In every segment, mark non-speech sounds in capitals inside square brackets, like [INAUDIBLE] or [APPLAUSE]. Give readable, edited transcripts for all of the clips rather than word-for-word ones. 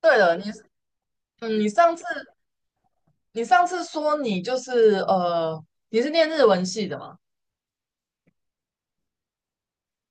对了，你你上次说你你是念日文系的嘛？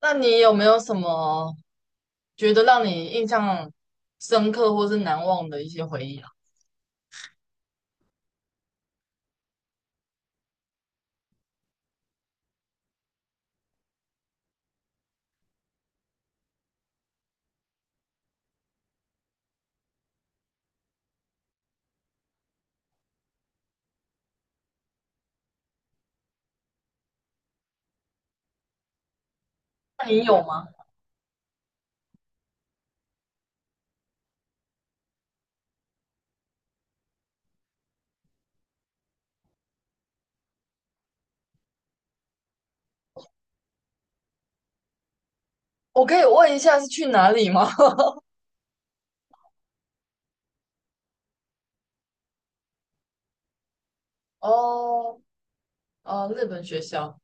那你有没有什么觉得让你印象深刻或是难忘的一些回忆啊？那你有吗？我可以问一下是去哪里吗？[LAUGHS] 哦，日本学校。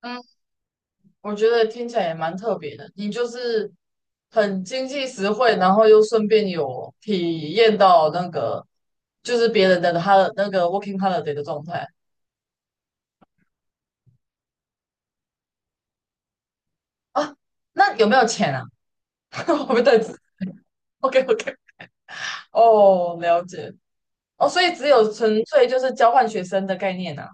嗯，我觉得听起来也蛮特别的。你就是很经济实惠，然后又顺便有体验到那个就是别人的他的那个 working holiday 的状态。啊，那有没有钱啊？[LAUGHS] 我不对，OK OK,哦，了解，哦，所以只有纯粹就是交换学生的概念啊。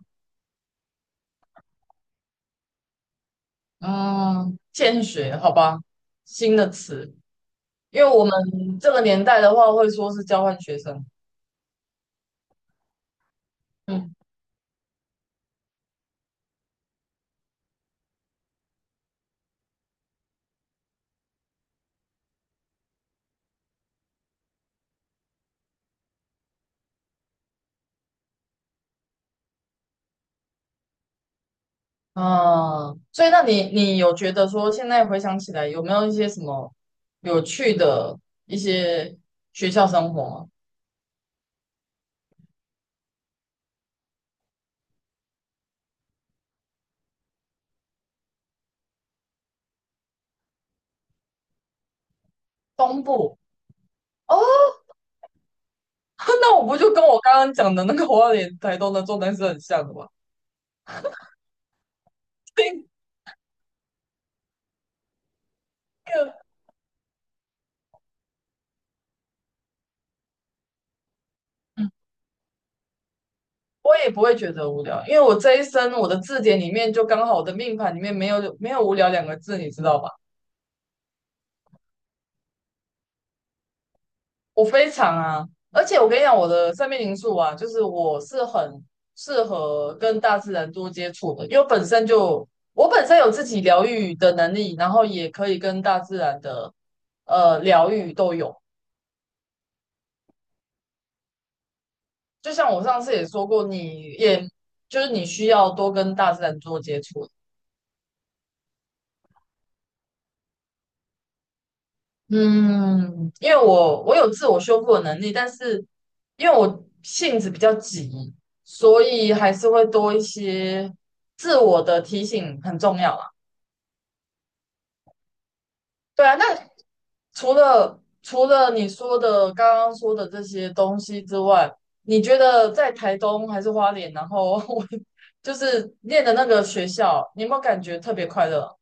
嗯，见学，好吧，新的词，因为我们这个年代的话会说是交换学生。嗯，啊，所以那你有觉得说现在回想起来有没有一些什么有趣的一些学校生活吗？东部。哦，[LAUGHS] 那我不就跟我刚刚讲的那个花莲、台东的状态是很像的吗？[LAUGHS] 嗯，我也不会觉得无聊，因为我这一生我的字典里面就刚好我的命盘里面没有无聊两个字，你知道吧？我非常啊，而且我跟你讲，我的生命灵数啊，就是我是很适合跟大自然多接触的，因为本身就我本身有自己疗愈的能力，然后也可以跟大自然的疗愈都有。就像我上次也说过，你也就是你需要多跟大自然多接触。嗯，因为我有自我修复的能力，但是因为我性子比较急，所以还是会多一些自我的提醒很重要啊。对啊，那除了你说的刚刚说的这些东西之外，你觉得在台东还是花莲，然后 [LAUGHS] 我就是念的那个学校，你有没有感觉特别快乐？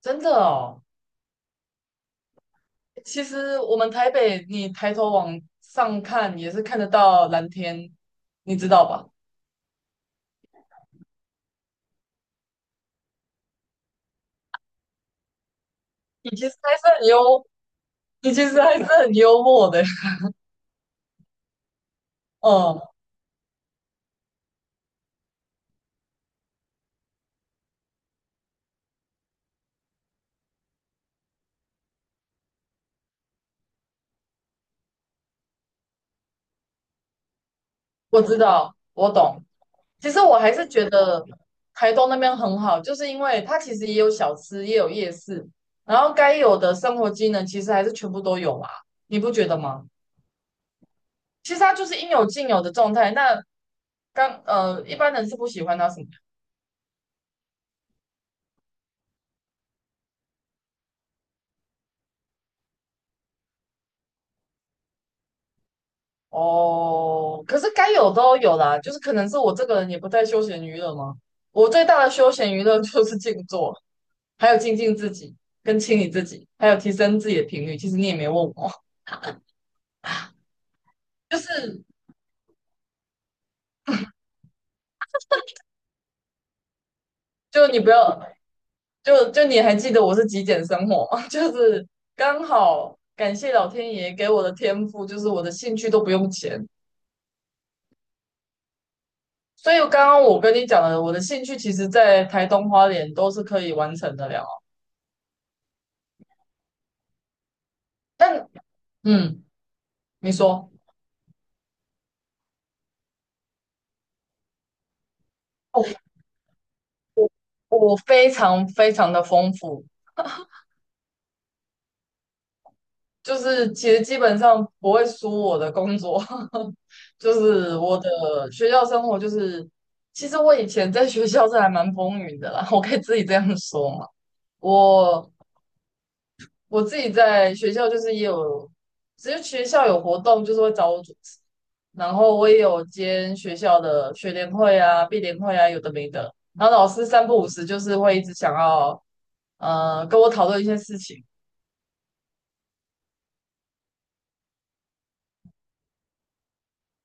真的哦。其实我们台北，你抬头往上看也是看得到蓝天，你知道吧？你其实还是很幽，你其实还是很幽默的。[LAUGHS] 嗯，我知道，我懂。其实我还是觉得台东那边很好，就是因为它其实也有小吃，也有夜市，然后该有的生活机能其实还是全部都有啦，你不觉得吗？其实它就是应有尽有的状态。那刚一般人是不喜欢它什么。哦，可是该有都有啦，就是可能是我这个人也不太休闲娱乐嘛。我最大的休闲娱乐 [LAUGHS] 就是静坐，还有静静自己，跟清理自己，还有提升自己的频率。其实你也没问我，就是就你不要就就你还记得我是极简生活吗？[LAUGHS] 就是刚好感谢老天爷给我的天赋，就是我的兴趣都不用钱。所以刚刚我跟你讲的，我的兴趣其实在台东花莲都是可以完成的了。但嗯，你说。哦，我非常非常的丰富，就是其实基本上不会输我的工作。[LAUGHS] 就是我的学校生活就是，其实我以前在学校是还蛮风云的啦，[LAUGHS] 我可以自己这样说嘛。我我自己在学校就是也有，只是学校有活动就是会找我主持，然后我也有兼学校的学联会啊、毕联会啊，有的没的。然后老师三不五时就是会一直想要跟我讨论一些事情。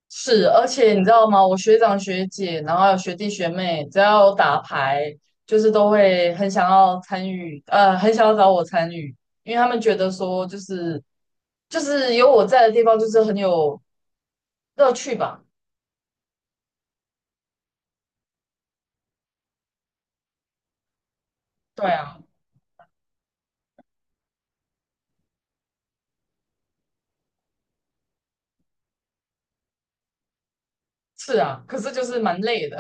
是，而且你知道吗？我学长学姐，然后还有学弟学妹，只要有打牌，就是都会很想要参与，很想要找我参与，因为他们觉得说，就是有我在的地方，就是很有乐趣吧。对啊，是啊，可是就是蛮累的，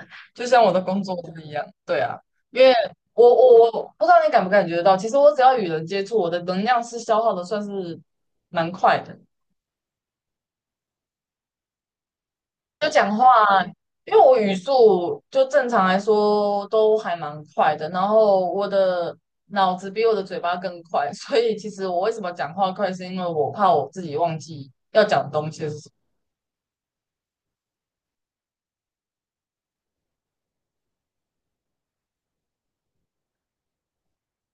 [LAUGHS] 就像我的工作是一样。对啊，因为我不知道你感不感觉得到，其实我只要与人接触，我的能量是消耗的，算是蛮快的。就讲话，因为我语速就正常来说都还蛮快的，然后我的脑子比我的嘴巴更快，所以其实我为什么讲话快，是因为我怕我自己忘记要讲的东西是什么。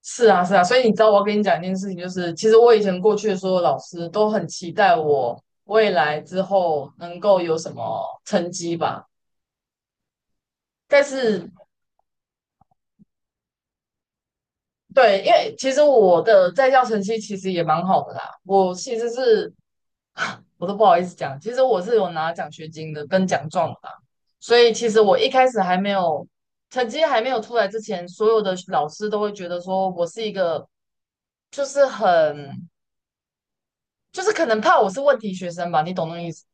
是啊，是啊，所以你知道我要跟你讲一件事情，就是其实我以前过去的所有老师都很期待我未来之后能够有什么成绩吧。但是对，因为其实我的在校成绩其实也蛮好的啦，我其实是 [LAUGHS] [SIGHS] 我都不好意思讲，其实我是有拿奖学金的跟奖状的啦。所以其实我一开始还没有成绩还没有出来之前，所有的老师都会觉得说我是一个就是很就是可能怕我是问题学生吧，你懂那个意思？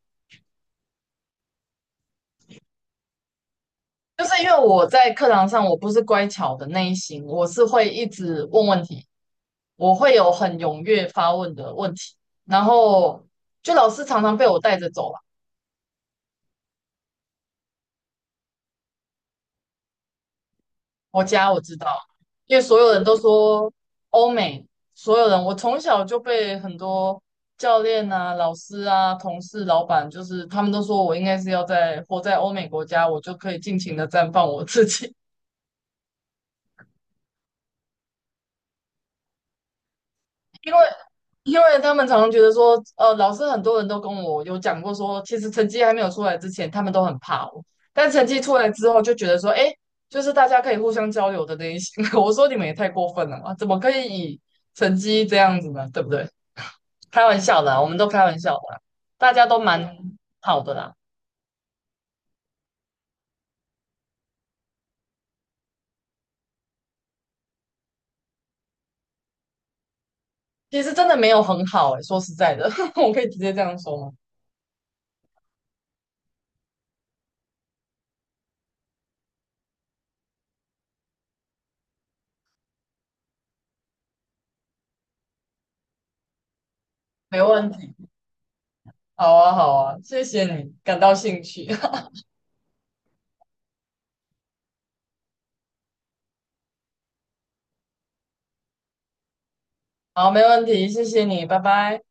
就是因为我在课堂上我不是乖巧的那一型，我是会一直问问题，我会有很踊跃发问的问题，然后就老师常常被我带着走了。我家我知道，因为所有人都说欧美，所有人我从小就被很多教练啊、老师啊、同事、老板，就是他们都说我应该是要在活在欧美国家，我就可以尽情的绽放我自己。因为因为他们常常觉得说，老师很多人都跟我有讲过说，其实成绩还没有出来之前，他们都很怕我，但成绩出来之后就觉得说，哎，就是大家可以互相交流的那一些。[LAUGHS] 我说你们也太过分了嘛，怎么可以以成绩这样子呢？对不对？开玩笑的啊，我们都开玩笑的啊，大家都蛮好的啦。其实真的没有很好哎、说实在的，[LAUGHS] 我可以直接这样说吗？没问题，好啊，好啊，谢谢你，感到兴趣。[LAUGHS] 好，没问题，谢谢你，拜拜。